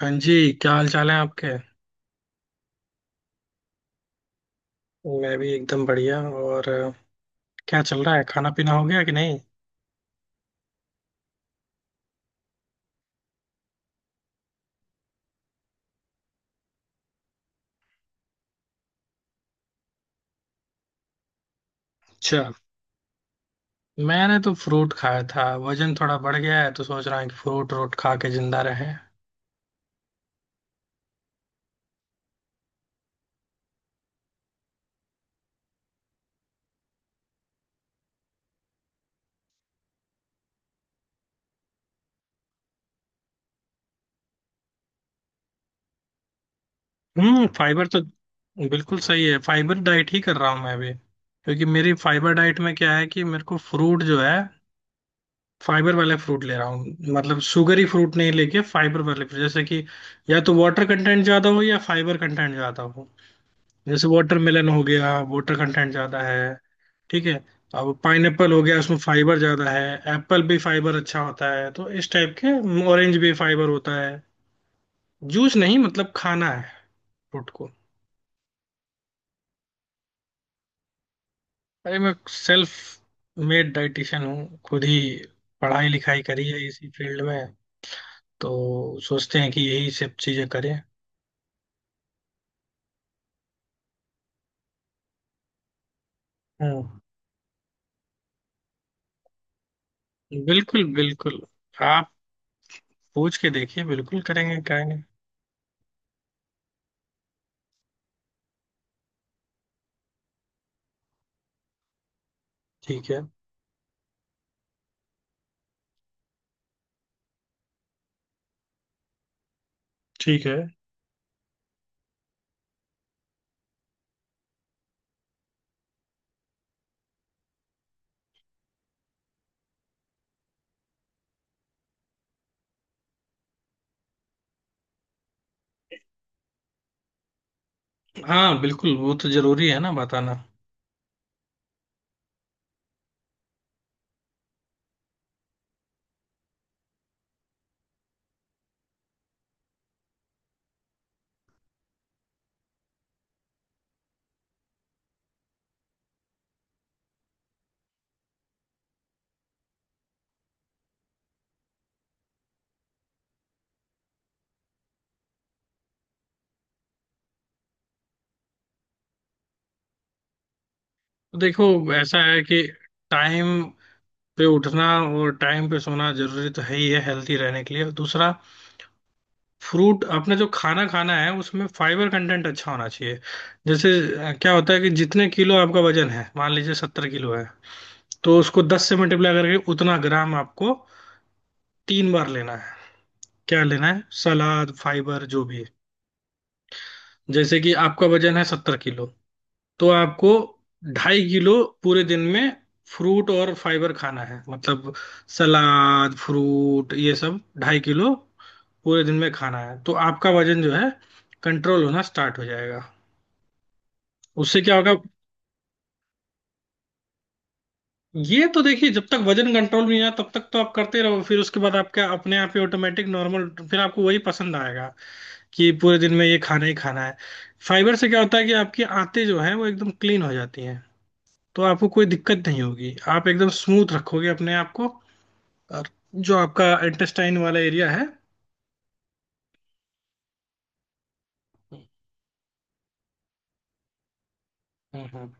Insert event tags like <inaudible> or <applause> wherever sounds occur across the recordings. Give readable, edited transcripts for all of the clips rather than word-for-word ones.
हाँ जी। क्या हाल चाल है आपके? मैं भी एकदम बढ़िया। और क्या चल रहा है, खाना पीना हो गया कि नहीं? अच्छा। मैंने तो फ्रूट खाया था, वजन थोड़ा बढ़ गया है तो सोच रहा हूँ कि फ्रूट रोट खा के जिंदा रहे। हम्म। फाइबर तो बिल्कुल सही है, फाइबर डाइट ही कर रहा हूँ मैं भी क्योंकि मेरी फाइबर डाइट में क्या है कि मेरे को फ्रूट जो है फाइबर वाले फ्रूट ले रहा हूँ, मतलब शुगरी फ्रूट नहीं लेके फाइबर वाले fruit। जैसे कि या तो वाटर कंटेंट ज्यादा हो या फाइबर कंटेंट ज्यादा हो। जैसे वाटरमेलन हो गया, वाटर कंटेंट ज्यादा है। ठीक है। अब पाइनएप्पल हो गया, उसमें फाइबर ज्यादा है। एप्पल भी फाइबर अच्छा होता है तो इस टाइप के। ऑरेंज भी फाइबर होता है। जूस नहीं, मतलब खाना है फ्रूट को। अरे मैं सेल्फ मेड डाइटिशियन हूँ, खुद ही पढ़ाई लिखाई करी है इसी फील्ड में। तो सोचते हैं कि यही सब चीजें करें। हम्म। बिल्कुल बिल्कुल। आप पूछ के देखिए, बिल्कुल करेंगे क्या नहीं। ठीक है। ठीक है। हाँ बिल्कुल, वो तो जरूरी है ना बताना। देखो, ऐसा है कि टाइम पे उठना और टाइम पे सोना जरूरी तो है ही है हेल्थी रहने के लिए, और दूसरा फ्रूट अपने जो खाना खाना है उसमें फाइबर कंटेंट अच्छा होना चाहिए। जैसे क्या होता है कि जितने किलो आपका वजन है, मान लीजिए 70 किलो है तो उसको 10 से मल्टीप्लाई करके उतना ग्राम आपको तीन बार लेना है। क्या लेना है? सलाद, फाइबर, जो भी। जैसे कि आपका वजन है 70 किलो, तो आपको 2.5 किलो पूरे दिन में फ्रूट और फाइबर खाना है, मतलब सलाद, फ्रूट, ये सब 2.5 किलो पूरे दिन में खाना है तो आपका वजन जो है कंट्रोल होना स्टार्ट हो जाएगा। उससे क्या होगा? ये तो देखिए, जब तक वजन कंट्रोल नहीं आया तब तक तो आप करते रहो, फिर उसके बाद आपका अपने आप ही ऑटोमेटिक नॉर्मल, फिर आपको वही पसंद आएगा कि पूरे दिन में ये खाना ही खाना है। फाइबर से क्या होता है कि आपकी आंतें जो हैं वो एकदम क्लीन हो जाती हैं, तो आपको कोई दिक्कत नहीं होगी, आप एकदम स्मूथ रखोगे अपने आप को, और जो आपका इंटेस्टाइन वाला एरिया है। हम्म, हम्म।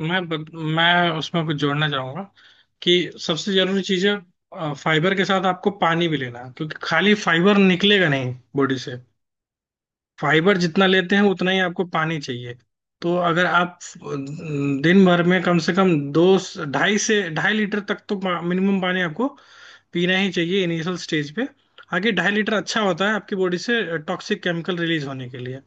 मैं ब- मैं उसमें कुछ जोड़ना चाहूंगा कि सबसे जरूरी चीज है, फाइबर के साथ आपको पानी भी लेना है, क्योंकि खाली फाइबर निकलेगा नहीं बॉडी से। फाइबर जितना लेते हैं उतना ही आपको पानी चाहिए। तो अगर आप दिन भर में कम से कम दो, 2.5 से 2.5 लीटर तक तो मिनिमम पानी आपको पीना ही चाहिए इनिशियल स्टेज पे। आगे 2.5 लीटर अच्छा होता है आपकी बॉडी से टॉक्सिक केमिकल रिलीज होने के लिए।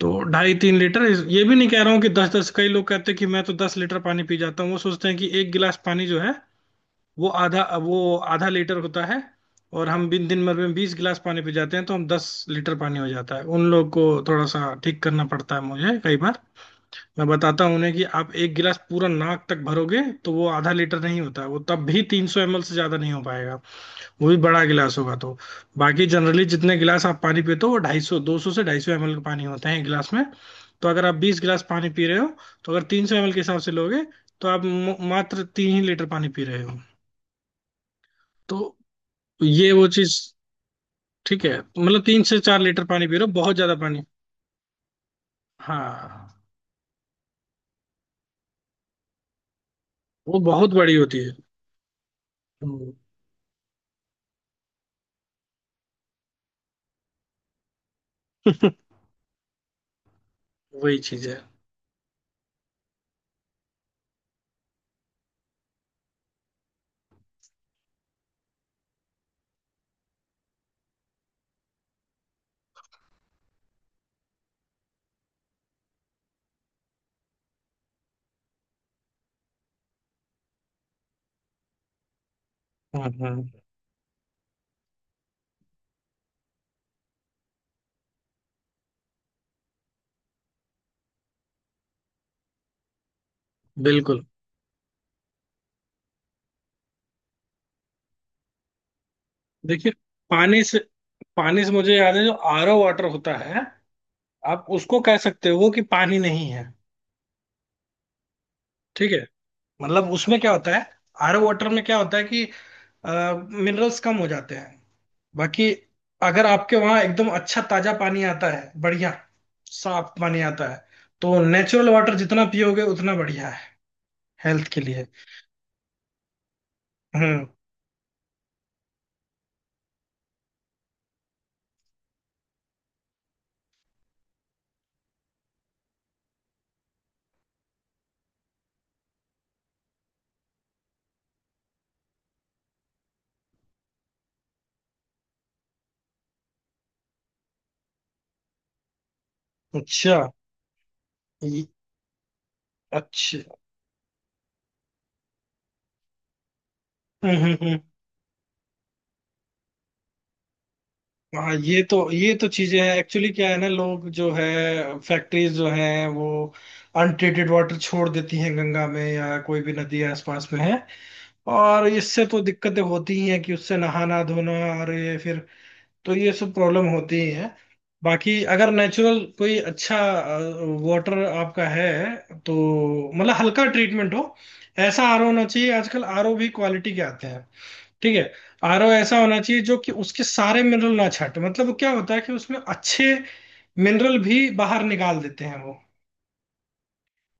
तो 2.5 से 3 लीटर, ये भी नहीं कह रहा हूँ कि दस दस। कई लोग कहते हैं कि मैं तो 10 लीटर पानी पी जाता हूँ, वो सोचते हैं कि एक गिलास पानी जो है वो आधा वो आधा लीटर होता है, और हम बिन दिन भर में 20 गिलास पानी पी जाते हैं तो हम 10 लीटर पानी हो जाता है। उन लोग को थोड़ा सा ठीक करना पड़ता है मुझे कई बार। मैं बताता हूँ उन्हें कि आप एक गिलास पूरा नाक तक भरोगे तो वो आधा लीटर नहीं होता है, वो तब भी 300 ml से ज्यादा नहीं हो पाएगा। वो भी बड़ा गिलास होगा तो। बाकी जनरली जितने गिलास आप पानी पीते हो वो 250, 200 से 250 ml का पानी होता है एक गिलास में। तो अगर आप 20 गिलास पानी पी रहे हो, तो अगर 300 ml के हिसाब से लोगे, तो आप मात्र 3 ही लीटर पानी पी रहे हो। तो ये वो चीज। ठीक है, मतलब 3 से 4 लीटर पानी पी रहे हो, बहुत ज्यादा पानी। हाँ, वो बहुत बड़ी होती है। हम्म। <laughs> वही चीज है। हाँ हाँ। बिल्कुल। देखिए, पानी से पानी से मुझे याद है जो आरओ वाटर होता है, आप उसको कह सकते हो कि पानी नहीं है। ठीक है। मतलब उसमें क्या होता है, आरओ वाटर में क्या होता है कि मिनरल्स कम हो जाते हैं। बाकी अगर आपके वहां एकदम अच्छा ताजा पानी आता है बढ़िया, साफ पानी आता है, तो नेचुरल वाटर जितना पियोगे उतना बढ़िया है हेल्थ के लिए। हम्म। अच्छा ये- अच्छा। हाँ, ये तो चीजें हैं, एक्चुअली क्या है ना, लोग जो है फैक्ट्रीज जो हैं वो अनट्रीटेड वाटर छोड़ देती हैं गंगा में या कोई भी नदी आसपास में है, और इससे तो दिक्कतें होती ही हैं कि उससे नहाना धोना और ये, फिर तो ये सब प्रॉब्लम होती ही है। बाकी अगर नेचुरल कोई अच्छा वाटर आपका है, तो मतलब हल्का ट्रीटमेंट हो, ऐसा आरओ होना चाहिए। आजकल आरओ भी क्वालिटी के आते हैं। ठीक है। आरओ ऐसा होना चाहिए जो कि उसके सारे मिनरल ना छांटे, मतलब वो क्या होता है कि उसमें अच्छे मिनरल भी बाहर निकाल देते हैं वो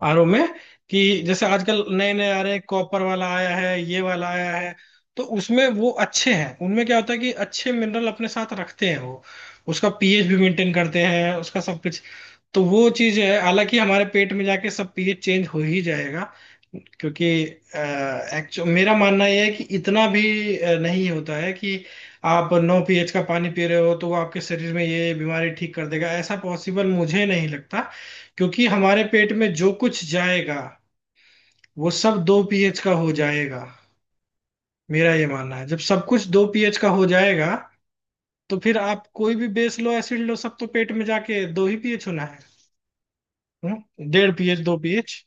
आरओ में, कि जैसे आजकल नए नए आ रहे हैं, कॉपर वाला आया है, ये वाला आया है। तो उसमें वो अच्छे हैं, उनमें क्या होता है कि अच्छे मिनरल अपने साथ रखते हैं वो, उसका पीएच भी मेंटेन करते हैं, उसका सब कुछ। तो वो चीज है, हालांकि हमारे पेट में जाके सब पीएच चेंज हो ही जाएगा, क्योंकि एक्चुअल मेरा मानना यह है कि इतना भी नहीं होता है कि आप 9 pH का पानी पी रहे हो तो वो आपके शरीर में ये बीमारी ठीक कर देगा, ऐसा पॉसिबल मुझे नहीं लगता। क्योंकि हमारे पेट में जो कुछ जाएगा वो सब 2 pH का हो जाएगा। मेरा ये मानना है जब सब कुछ 2 pH का हो जाएगा, तो फिर आप कोई भी बेस लो एसिड लो, सब तो पेट में जाके 2 ही pH होना है। हम्म? 1.5 pH, 2 pH।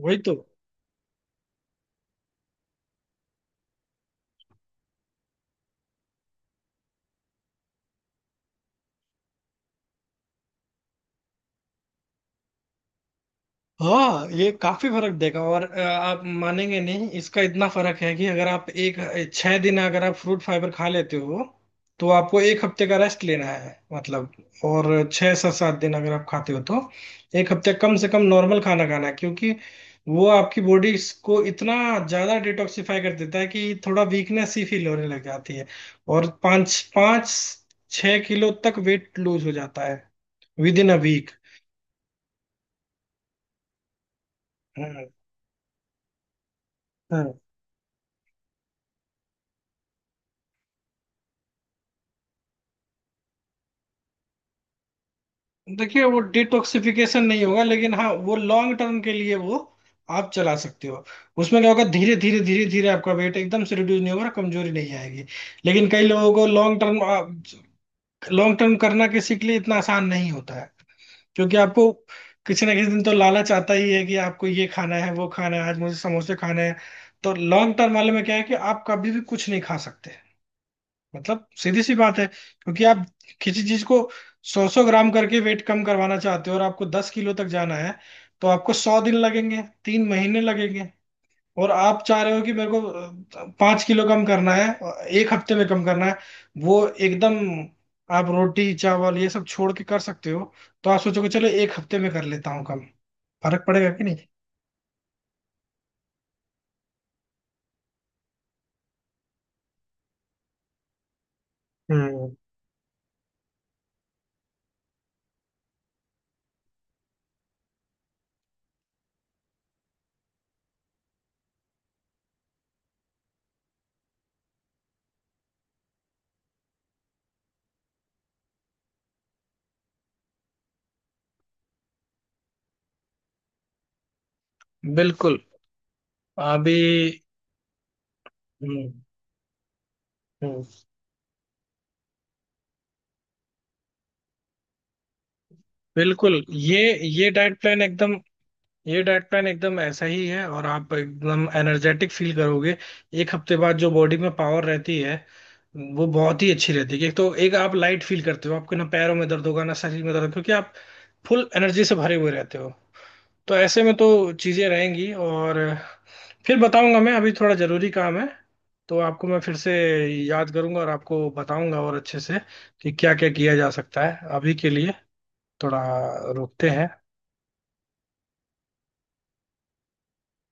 वही तो। हाँ ये काफी फर्क देगा, और आप मानेंगे नहीं इसका, इतना फर्क है कि अगर आप एक 6 दिन अगर आप फ्रूट फाइबर खा लेते हो तो आपको एक हफ्ते का रेस्ट लेना है, मतलब, और 6 से 7 दिन अगर आप खाते हो तो एक हफ्ते कम से कम नॉर्मल खाना खाना है, क्योंकि वो आपकी बॉडी को इतना ज्यादा डिटॉक्सिफाई कर देता है कि थोड़ा वीकनेस ही फील होने लग जाती है, और पाँच पाँच 6 किलो तक वेट लूज हो जाता है विद इन अ वीक। देखिए वो डिटॉक्सिफिकेशन नहीं होगा, लेकिन हाँ वो लॉन्ग टर्म के लिए वो आप चला सकते हो। उसमें क्या होगा, धीरे धीरे आपका वेट एकदम से रिड्यूस नहीं होगा, कमजोरी नहीं आएगी। लेकिन कई लोगों को लॉन्ग टर्म करना किसी के लिए इतना आसान नहीं होता है, क्योंकि आपको किसी ना किसी दिन तो लालच आता ही है कि आपको ये खाना है वो खाना है, आज मुझे समोसे खाने हैं। तो लॉन्ग टर्म वाले में क्या है कि आप कभी भी कुछ नहीं खा सकते, मतलब सीधी सी बात है। क्योंकि आप किसी चीज को सौ सौ ग्राम करके वेट कम करवाना चाहते हो और आपको 10 किलो तक जाना है, तो आपको 100 दिन लगेंगे, 3 महीने लगेंगे। और आप चाह रहे हो कि मेरे को 5 किलो कम करना है, एक हफ्ते में कम करना है। वो एकदम, आप रोटी चावल ये सब छोड़ के कर सकते हो, तो आप सोचोगे चलो एक हफ्ते में कर लेता हूँ कम। फर्क पड़ेगा कि नहीं? हम्म, बिल्कुल। अभी। हम्म। हम्म, बिल्कुल। ये ये डाइट प्लान एकदम ये डाइट प्लान एकदम ऐसा ही है और आप एकदम एनर्जेटिक फील करोगे, एक हफ्ते बाद जो बॉडी में पावर रहती है वो बहुत ही अच्छी रहती है। एक तो एक आप लाइट फील करते हो, आपके ना पैरों में दर्द होगा ना शरीर में दर्द होगा, क्योंकि आप फुल एनर्जी से भरे हुए रहते हो। तो ऐसे में तो चीजें रहेंगी, और फिर बताऊंगा। मैं अभी थोड़ा जरूरी काम है, तो आपको मैं फिर से याद करूंगा और आपको बताऊंगा और अच्छे से, कि क्या क्या किया जा सकता है। अभी के लिए थोड़ा रोकते हैं।